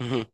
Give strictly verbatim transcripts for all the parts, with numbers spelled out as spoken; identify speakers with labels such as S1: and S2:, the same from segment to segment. S1: مهم.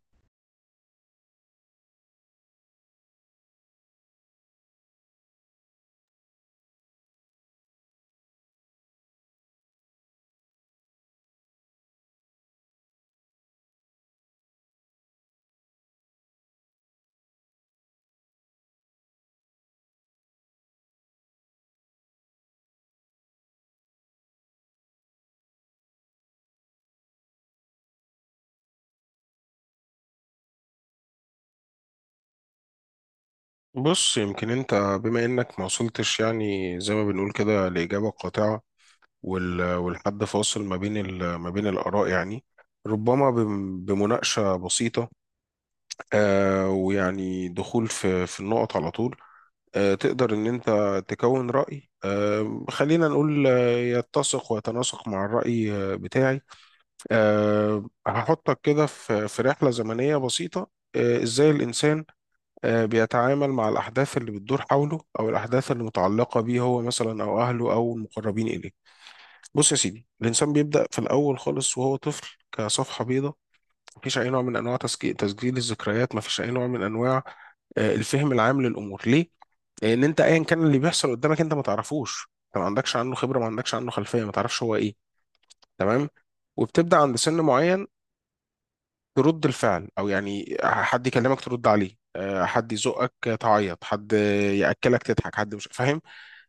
S1: بص يمكن انت بما انك ما وصلتش، يعني زي ما بنقول كده، لإجابة قاطعة، وال- والحد فاصل ما بين ال- ما بين الآراء، يعني ربما بم- بمناقشة بسيطة. آه ويعني دخول في في النقط على طول. آه تقدر ان انت تكون رأي، آه خلينا نقول، آه، يتسق ويتناسق مع الرأي آه، بتاعي. آه هحطك كده في في رحلة زمنية بسيطة. آه ازاي الإنسان آه، بيتعامل مع الأحداث اللي بتدور حوله أو الأحداث اللي متعلقة بيه هو مثلا، أو أهله أو المقربين إليه. بص يا سيدي، الإنسان بيبدأ في الأول خالص وهو طفل كصفحة بيضاء. مفيش أي نوع من أنواع تسجيل, تسجيل الذكريات، مفيش أي نوع من أنواع آه، الفهم العام للأمور. ليه؟ لأن أنت أيا كان اللي بيحصل قدامك أنت ما تعرفوش، أنت ما عندكش عنه خبرة، ما عندكش عنه خلفية، ما تعرفش هو إيه. تمام؟ وبتبدأ عند سن معين ترد الفعل، او يعني حد يكلمك ترد عليه، آه، حد يزقك تعيط، حد ياكلك تضحك، حد مش فاهم.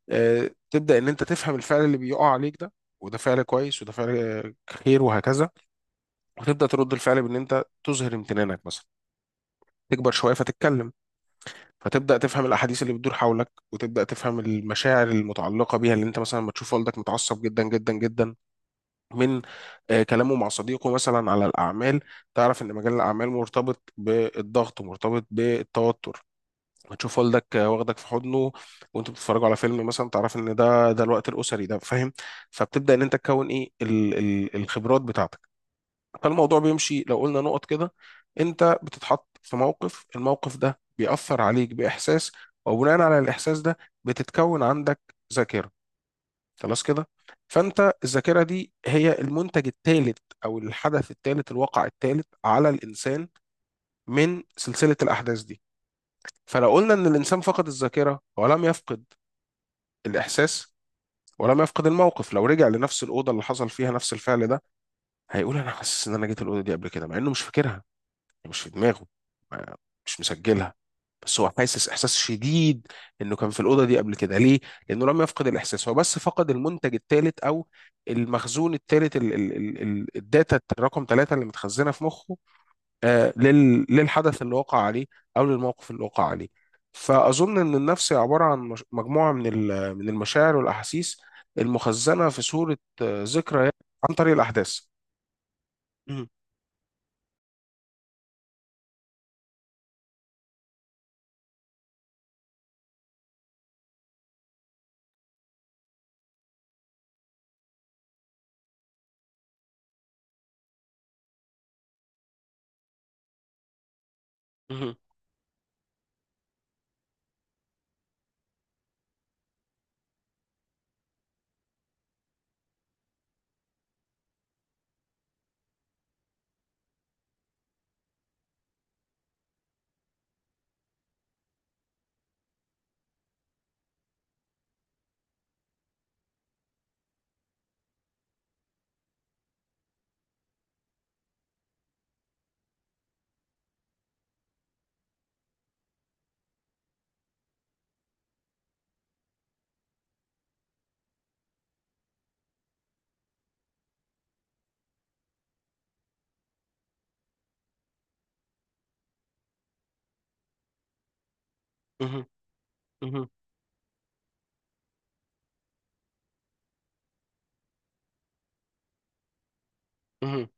S1: آه، تبدا ان انت تفهم الفعل اللي بيقع عليك ده، وده فعل كويس وده فعل خير وهكذا، وتبدا ترد الفعل بان انت تظهر امتنانك مثلا. تكبر شويه فتتكلم، فتبدا تفهم الاحاديث اللي بتدور حولك، وتبدا تفهم المشاعر المتعلقه بيها، اللي انت مثلا لما تشوف والدك متعصب جدا جدا جدا من آه، كلامه مع صديقه مثلا على الأعمال، تعرف إن مجال الأعمال مرتبط بالضغط، مرتبط بالتوتر. هتشوف والدك آه، واخدك في حضنه، وانتوا بتتفرجوا على فيلم مثلا، تعرف ان ده ده الوقت الاسري، ده فاهم. فبتبدا ان انت تكون ايه ال ال الخبرات بتاعتك. فالموضوع بيمشي لو قلنا نقط كده: انت بتتحط في موقف، الموقف ده بيأثر عليك بإحساس، وبناء على الإحساس ده بتتكون عندك ذاكرة. خلاص كده. فانت الذاكره دي هي المنتج الثالث او الحدث الثالث، الواقع الثالث على الانسان من سلسله الاحداث دي. فلو قلنا ان الانسان فقد الذاكره ولم يفقد الاحساس، ولم يفقد الموقف، لو رجع لنفس الاوضه اللي حصل فيها نفس الفعل ده، هيقول انا حاسس ان انا جيت الاوضه دي قبل كده، مع انه مش فاكرها، مش في دماغه، ما- مش مسجلها، بس هو حاسس احساس شديد انه كان في الاوضه دي قبل كده. ليه؟ لانه لم يفقد الاحساس، هو بس فقد المنتج الثالث او المخزون الثالث، الداتا الرقم ثلاثة اللي متخزنه في مخه، آه لل- للحدث اللي وقع عليه او للموقف اللي وقع عليه. فاظن ان النفس هي عباره عن مش- مجموعه من ال- من المشاعر والاحاسيس المخزنه في صوره آه، ذكرى عن طريق الاحداث. مهم. مهم. مهم. مهم. مهم.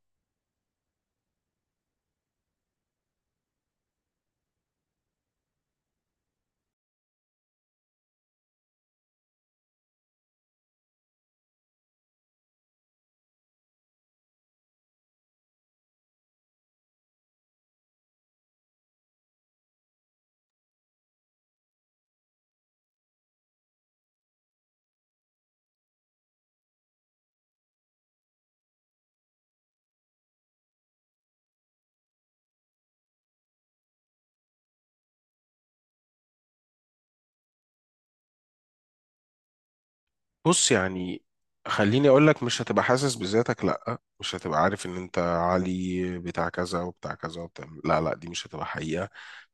S1: بص يعني خليني اقول لك: مش هتبقى حاسس بذاتك، لا، مش هتبقى عارف ان انت علي بتاع كذا وبتاع كذا وبتاع، لا لا، دي مش هتبقى حقيقة.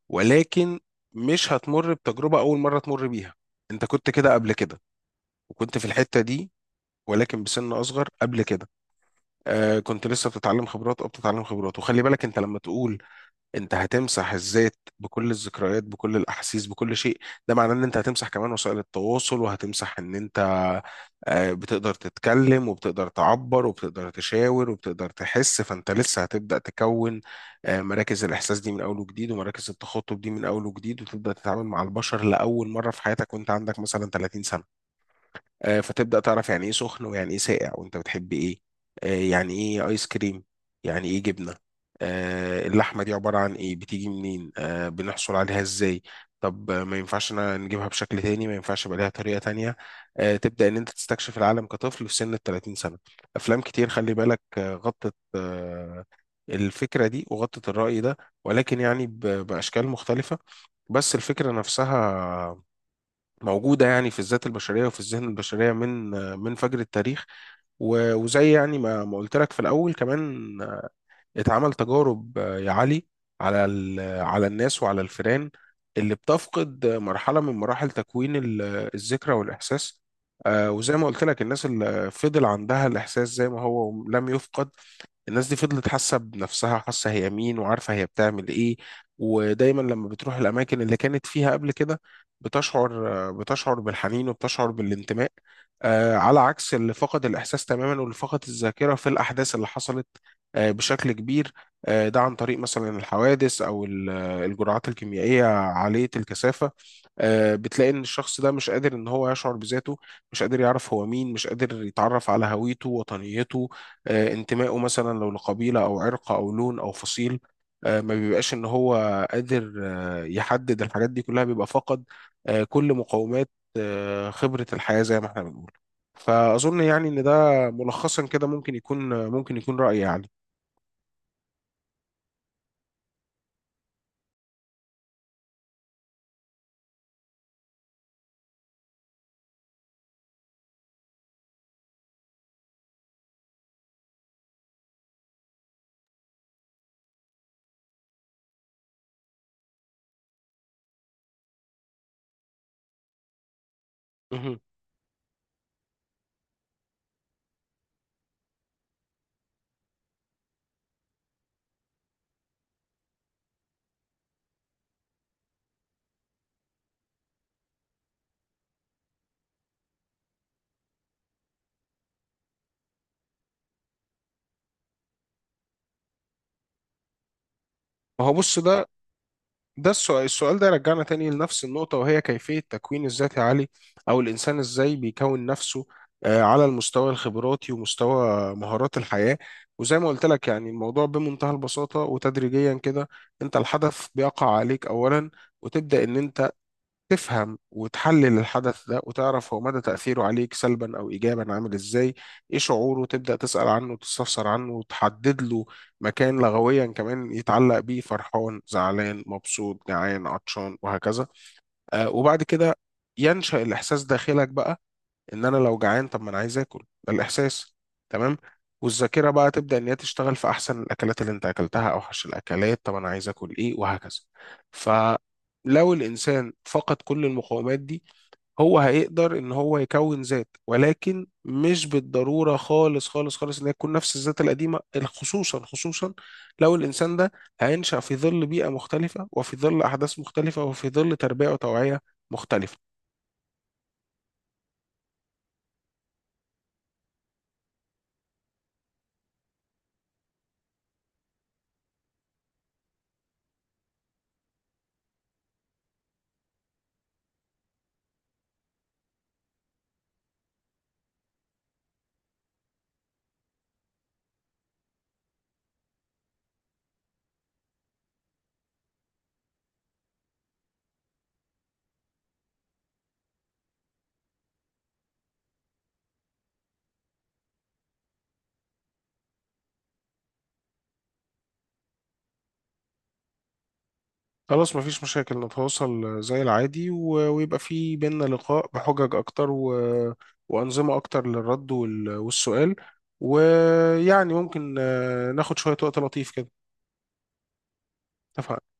S1: ولكن مش هتمر بتجربة اول مرة تمر بيها، انت كنت كده قبل كده، وكنت في الحتة دي، ولكن بسن اصغر قبل كده. آه كنت لسه بتتعلم خبرات او بتتعلم خبرات. وخلي بالك انت لما تقول انت هتمسح الذات بكل الذكريات بكل الاحاسيس بكل شيء، ده معناه ان انت هتمسح كمان وسائل التواصل، وهتمسح ان انت آه، بتقدر تتكلم وبتقدر تعبر وبتقدر تشاور وبتقدر تحس، فانت لسه هتبدأ تكون آه، مراكز الاحساس دي من اول وجديد، ومراكز التخاطب دي من اول وجديد، وتبدأ تتعامل مع البشر لاول مرة في حياتك وانت عندك مثلا تلاتين سنة. آه، فتبدأ تعرف يعني ايه سخن ويعني ايه ساقع وانت بتحب ايه، آه، يعني ايه ايس كريم، يعني ايه جبنة، آه، اللحمة دي عبارة عن ايه، بتيجي منين، آه، بنحصل عليها ازاي. طب آه، ما ينفعش أنا نجيبها بشكل تاني، ما ينفعش يبقى ليها طريقة تانية. آه، تبدأ ان انت تستكشف العالم كطفل في سن ال تلاتين سنة. افلام كتير، خلي بالك، آه، غطت آه، الفكرة دي وغطت الرأي ده، ولكن يعني ب- بأشكال مختلفة. بس الفكرة نفسها موجودة يعني في الذات البشرية وفي الذهن البشرية من من فجر التاريخ. و- وزي يعني ما ما قلت لك في الأول كمان، اتعمل تجارب يا علي على ال- على الناس وعلى الفئران اللي بتفقد مرحلة من مراحل تكوين ال- الذكرى والإحساس. آه، وزي ما قلت لك، الناس اللي فضل عندها الإحساس زي ما هو لم يفقد، الناس دي فضلت حاسه بنفسها، وحاسه هي مين، وعارفه هي بتعمل ايه. ودايما لما بتروح الاماكن اللي كانت فيها قبل كده، بتشعر بتشعر بالحنين وبتشعر بالانتماء، آه، على عكس اللي فقد الاحساس تماما واللي فقد الذاكره في الاحداث اللي حصلت آه، بشكل كبير. آه، ده عن طريق مثلا الحوادث او ال- الجرعات الكيميائيه عاليه الكثافه. آه، بتلاقي ان الشخص ده مش قادر ان هو يشعر بذاته، مش قادر يعرف هو مين، مش قادر يتعرف على هويته، وطنيته، آه، انتمائه، مثلا لو لقبيلة أو عرق أو لون أو فصيل. آه، ما بيبقاش إن هو قادر آه، يحدد الحاجات دي كلها، بيبقى فقد آه، كل مقومات آه، خبرة الحياة زي ما احنا بنقول. فأظن يعني إن ده، ملخصا كده، ممكن يكون ممكن يكون رأيي يعني. مهم. ما هو بص، ده ده السؤال السؤال ده يرجعنا تاني لنفس النقطة، وهي كيفية تكوين الذات يا علي، أو الإنسان إزاي بيكون نفسه آه، على المستوى الخبراتي ومستوى مهارات الحياة. وزي ما قلت لك يعني الموضوع بمنتهى البساطة وتدريجيا كده: أنت الحدث بيقع عليك أولا، وتبدأ إن أنت تفهم وتحلل الحدث ده، وتعرف هو مدى تأثيره عليك سلبا أو إيجابا، عامل إزاي، إيه شعوره، تبدأ تسأل عنه وتستفسر عنه وتحدد له مكان لغويا كمان يتعلق بيه: فرحان، زعلان، مبسوط، جعان، عطشان، وهكذا. آه وبعد كده ينشأ الإحساس داخلك بقى، ان انا لو جعان، طب ما انا عايز اكل، ده الاحساس. تمام. والذاكره بقى تبدا ان هي تشتغل في احسن الاكلات اللي انت اكلتها، اوحش الاكلات، طب انا عايز اكل ايه، وهكذا. فلو الانسان فقد كل المقومات دي، هو هيقدر ان هو يكون ذات، ولكن مش بالضروره خالص خالص خالص ان هي تكون نفس الذات القديمه. خصوصا خصوصا لو الانسان ده هينشا في ظل بيئه مختلفه، وفي ظل احداث مختلفه، وفي ظل تربيه وتوعيه مختلفه. خلاص، مفيش مشاكل، نتواصل زي العادي و- ويبقى في بينا لقاء بحجج أكتر و... وأنظمة أكتر للرد وال... والسؤال. ويعني ممكن آه، ناخد شوية وقت لطيف كده. اتفقنا.